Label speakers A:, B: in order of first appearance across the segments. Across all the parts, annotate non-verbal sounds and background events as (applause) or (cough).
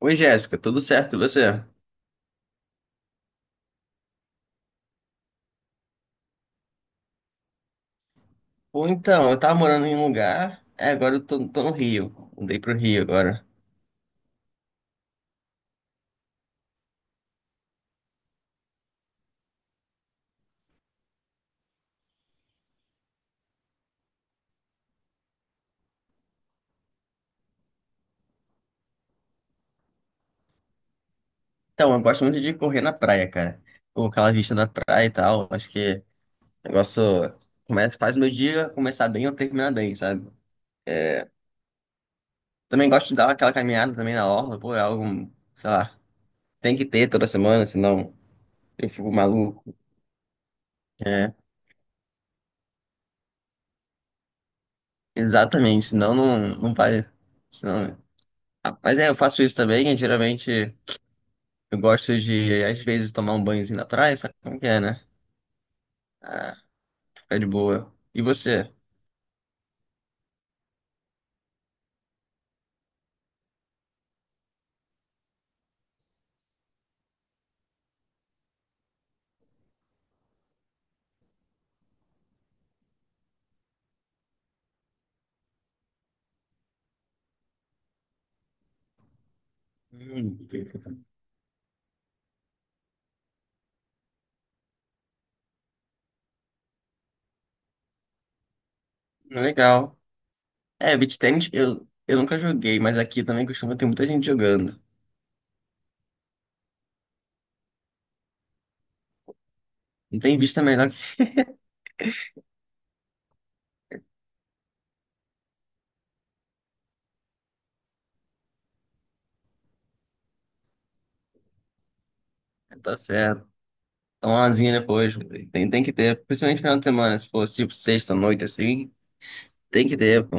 A: Oi, Jéssica, tudo certo e você? Ou então, eu tava morando em um lugar, é, agora eu tô no Rio. Mudei pro Rio agora. Então, eu gosto muito de correr na praia, cara. Com aquela vista da praia e tal. Acho que o negócio começa, faz meu dia começar bem ou terminar bem, sabe? Também gosto de dar aquela caminhada também na orla, pô, é algo, sei lá, tem que ter toda semana, senão eu fico maluco. É, exatamente, senão não vai. Senão... Ah, mas é, eu faço isso também, e geralmente. Eu gosto de, às vezes, tomar um banhozinho na praia, sabe como que é, né? Ah, fica de boa. E você? Hum, legal. É, beach tennis eu nunca joguei, mas aqui também costuma ter muita gente jogando. Não tem vista melhor que (laughs) tá certo. Tomar uma zinha depois, tem que ter. Principalmente final de semana, se for tipo sexta-noite assim, tem que ter, pô.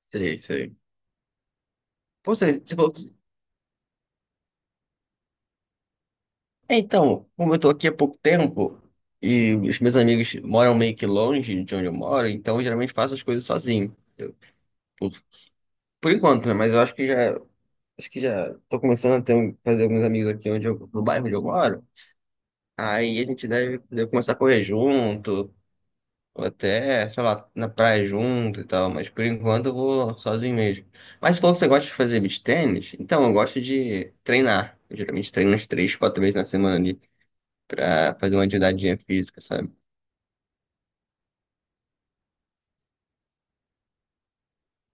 A: Sei, sei. Pô, você falou. É, então, como eu tô aqui há pouco tempo e os meus amigos moram meio que longe de onde eu moro, então eu geralmente faço as coisas sozinho. Por por enquanto, né? Mas eu acho que já tô começando a fazer alguns amigos aqui onde eu, no bairro onde eu moro. Aí a gente deve começar a correr junto, ou até, sei lá, na praia junto e tal. Mas por enquanto eu vou sozinho mesmo. Mas se for que você gosta de fazer beach tênis, então eu gosto de treinar. Eu geralmente treino umas três, quatro vezes na semana ali pra fazer uma atividade física, sabe?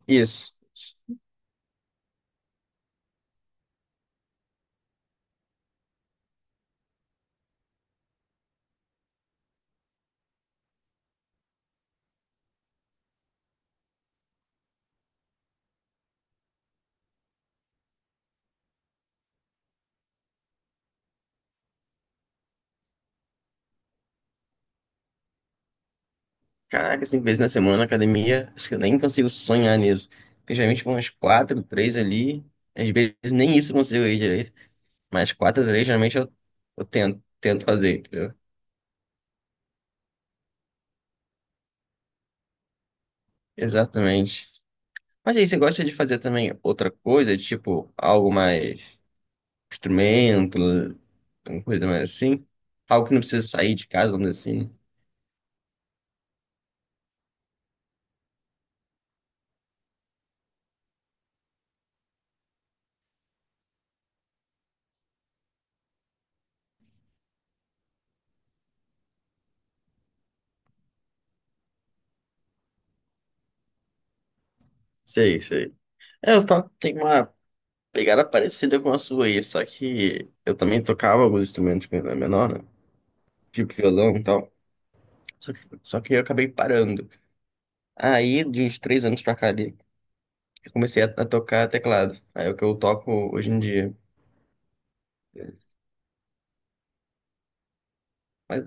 A: Isso. Caraca, cinco vezes na semana na academia, acho que eu nem consigo sonhar nisso. Porque geralmente vão umas quatro, três ali. Às vezes nem isso eu consigo ir direito. Mas quatro, três, geralmente eu, tento fazer, entendeu? Exatamente. Mas aí, você gosta de fazer também outra coisa, tipo algo mais instrumento, alguma coisa mais assim? Algo que não precisa sair de casa, vamos dizer assim, né? Sei, sei. É, eu toco, tem uma pegada parecida com a sua aí, só que eu também tocava alguns instrumentos quando era menor, né? Tipo violão e tal. Só que eu acabei parando. Aí, de uns três anos pra cá ali, eu comecei a tocar teclado. Aí é o que eu toco hoje em dia. Mais,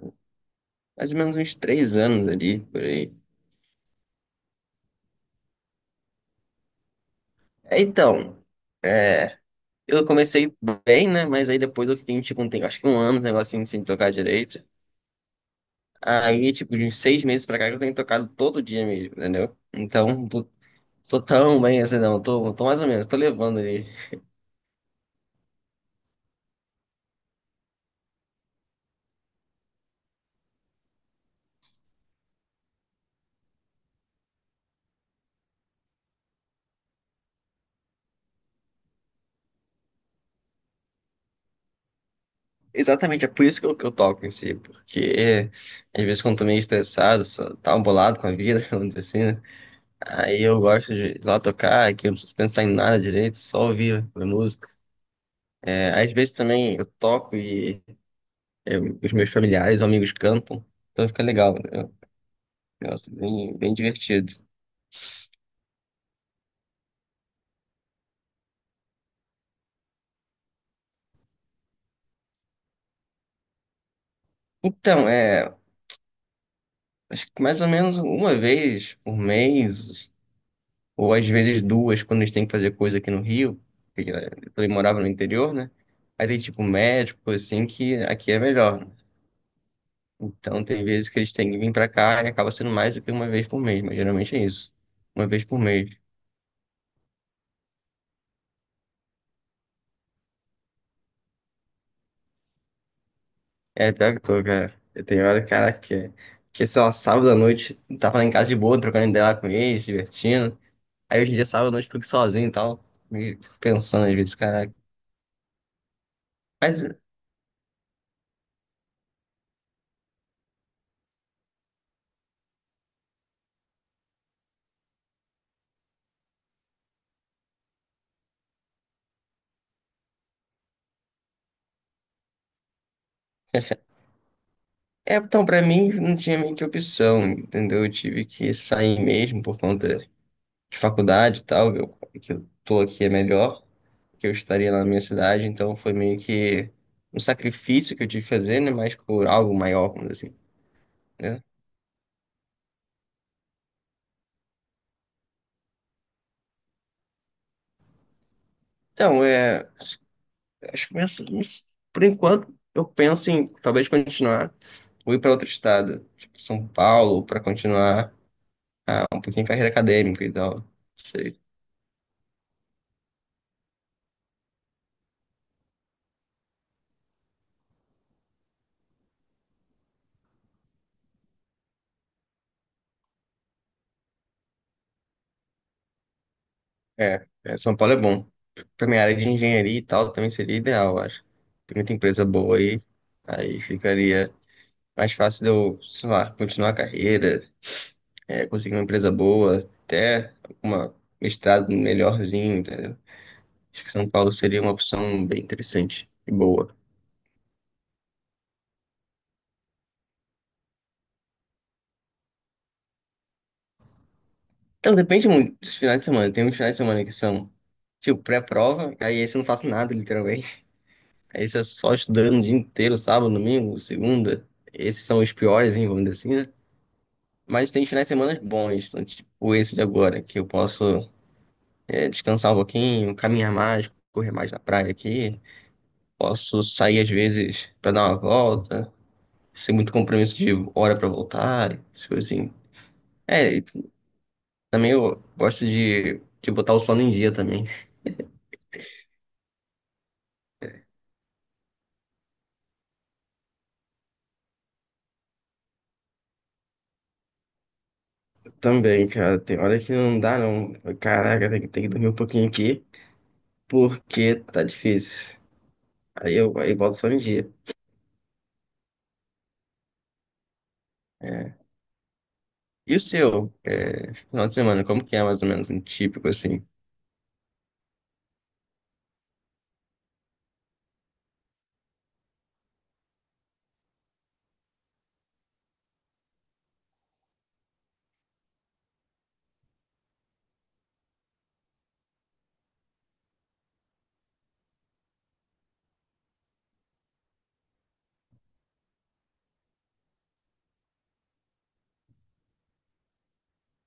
A: mais ou menos uns três anos ali, por aí. É, então, é, eu comecei bem, né? Mas aí depois eu fiquei, tipo, um tempo, acho que um ano, um negocinho sem tocar direito. Aí, tipo, de uns seis meses pra cá, que eu tenho tocado todo dia mesmo, entendeu? Então, tô, tô tão bem assim, não. Tô mais ou menos, tô levando ali. Exatamente, é por isso que eu toco em si, porque é, às vezes quando eu tô meio estressado, só tá bolado com a vida, (laughs) vamos dizer assim, né? Aí eu gosto de ir lá tocar, que eu não preciso pensar em nada direito, só ouvir a música. É, às vezes também eu toco e é, os meus familiares, amigos cantam, então fica legal, entendeu? Nossa, bem, bem divertido. Então, é, acho que mais ou menos uma vez por mês, ou às vezes duas quando eles têm que fazer coisa aqui no Rio, porque ele morava no interior, né? Aí tem tipo médico, coisa assim, que aqui é melhor, né? Então tem vezes que eles têm que vir pra cá e acaba sendo mais do que uma vez por mês, mas geralmente é isso. Uma vez por mês. É, pior que tô, cara. Eu tenho hora, cara, que sei lá, sábado à noite, tava lá em casa de boa, trocando ideia lá com eles, divertindo. Aí hoje em dia, sábado à noite, fico sozinho e tal, me pensando às vezes, caraca. Mas é, então, pra mim não tinha meio que opção, entendeu? Eu tive que sair mesmo por conta de faculdade e tal, eu, que eu tô aqui é melhor, que eu estaria lá na minha cidade, então foi meio que um sacrifício que eu tive que fazer, né? Mas por algo maior, vamos dizer assim, né? Então, é, acho que penso, não sei, por enquanto eu penso em talvez continuar ou ir para outro estado, tipo São Paulo, para continuar um pouquinho em carreira acadêmica e tal. É, São Paulo é bom. Pra minha área de engenharia e tal, também seria ideal, eu acho. Tem muita empresa boa aí, aí ficaria mais fácil de eu, sei lá, continuar a carreira, é, conseguir uma empresa boa, até uma mestrado melhorzinho, entendeu? Acho que São Paulo seria uma opção bem interessante e boa. Então, depende muito dos finais de semana. Tem uns finais de semana que são, tipo, pré-prova, aí esse eu não faço nada, literalmente. Aí você é só estudando o dia inteiro, sábado, domingo, segunda. Esses são os piores, hein, vamos dizer assim, né? Mas tem finais de semana bons, então, tipo esse de agora, que eu posso descansar um pouquinho, caminhar mais, correr mais na praia aqui. Posso sair às vezes pra dar uma volta, sem muito compromisso de hora pra voltar, essas coisinhas. É, e também eu gosto de botar o sono em dia também. Também, cara, tem hora que não dá, não. Caraca, tem que dormir um pouquinho aqui, porque tá difícil. Aí volto só um dia. É. E o seu? É, final de semana, como que é mais ou menos um típico assim?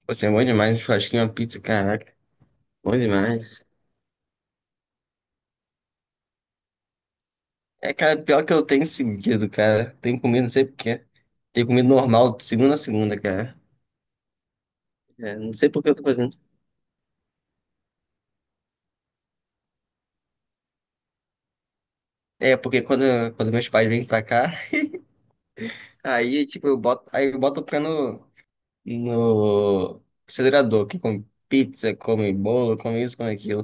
A: Você é bom demais, um churrasquinho, uma pizza, caraca, bom demais. É, cara, pior que eu tenho seguido, cara. Tenho comido, não sei porquê. Tenho comido normal, de segunda a segunda, cara. É, não sei por que eu tô fazendo. É, porque quando meus pais vêm pra cá, (laughs) aí, tipo, eu boto, aí eu boto o pé no, no acelerador, que come pizza, come bolo, come isso, come aquilo.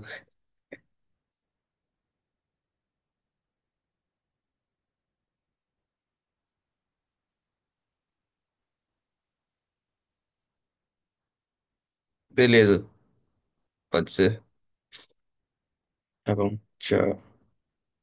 A: Beleza, pode ser. Tá bom. Tchau.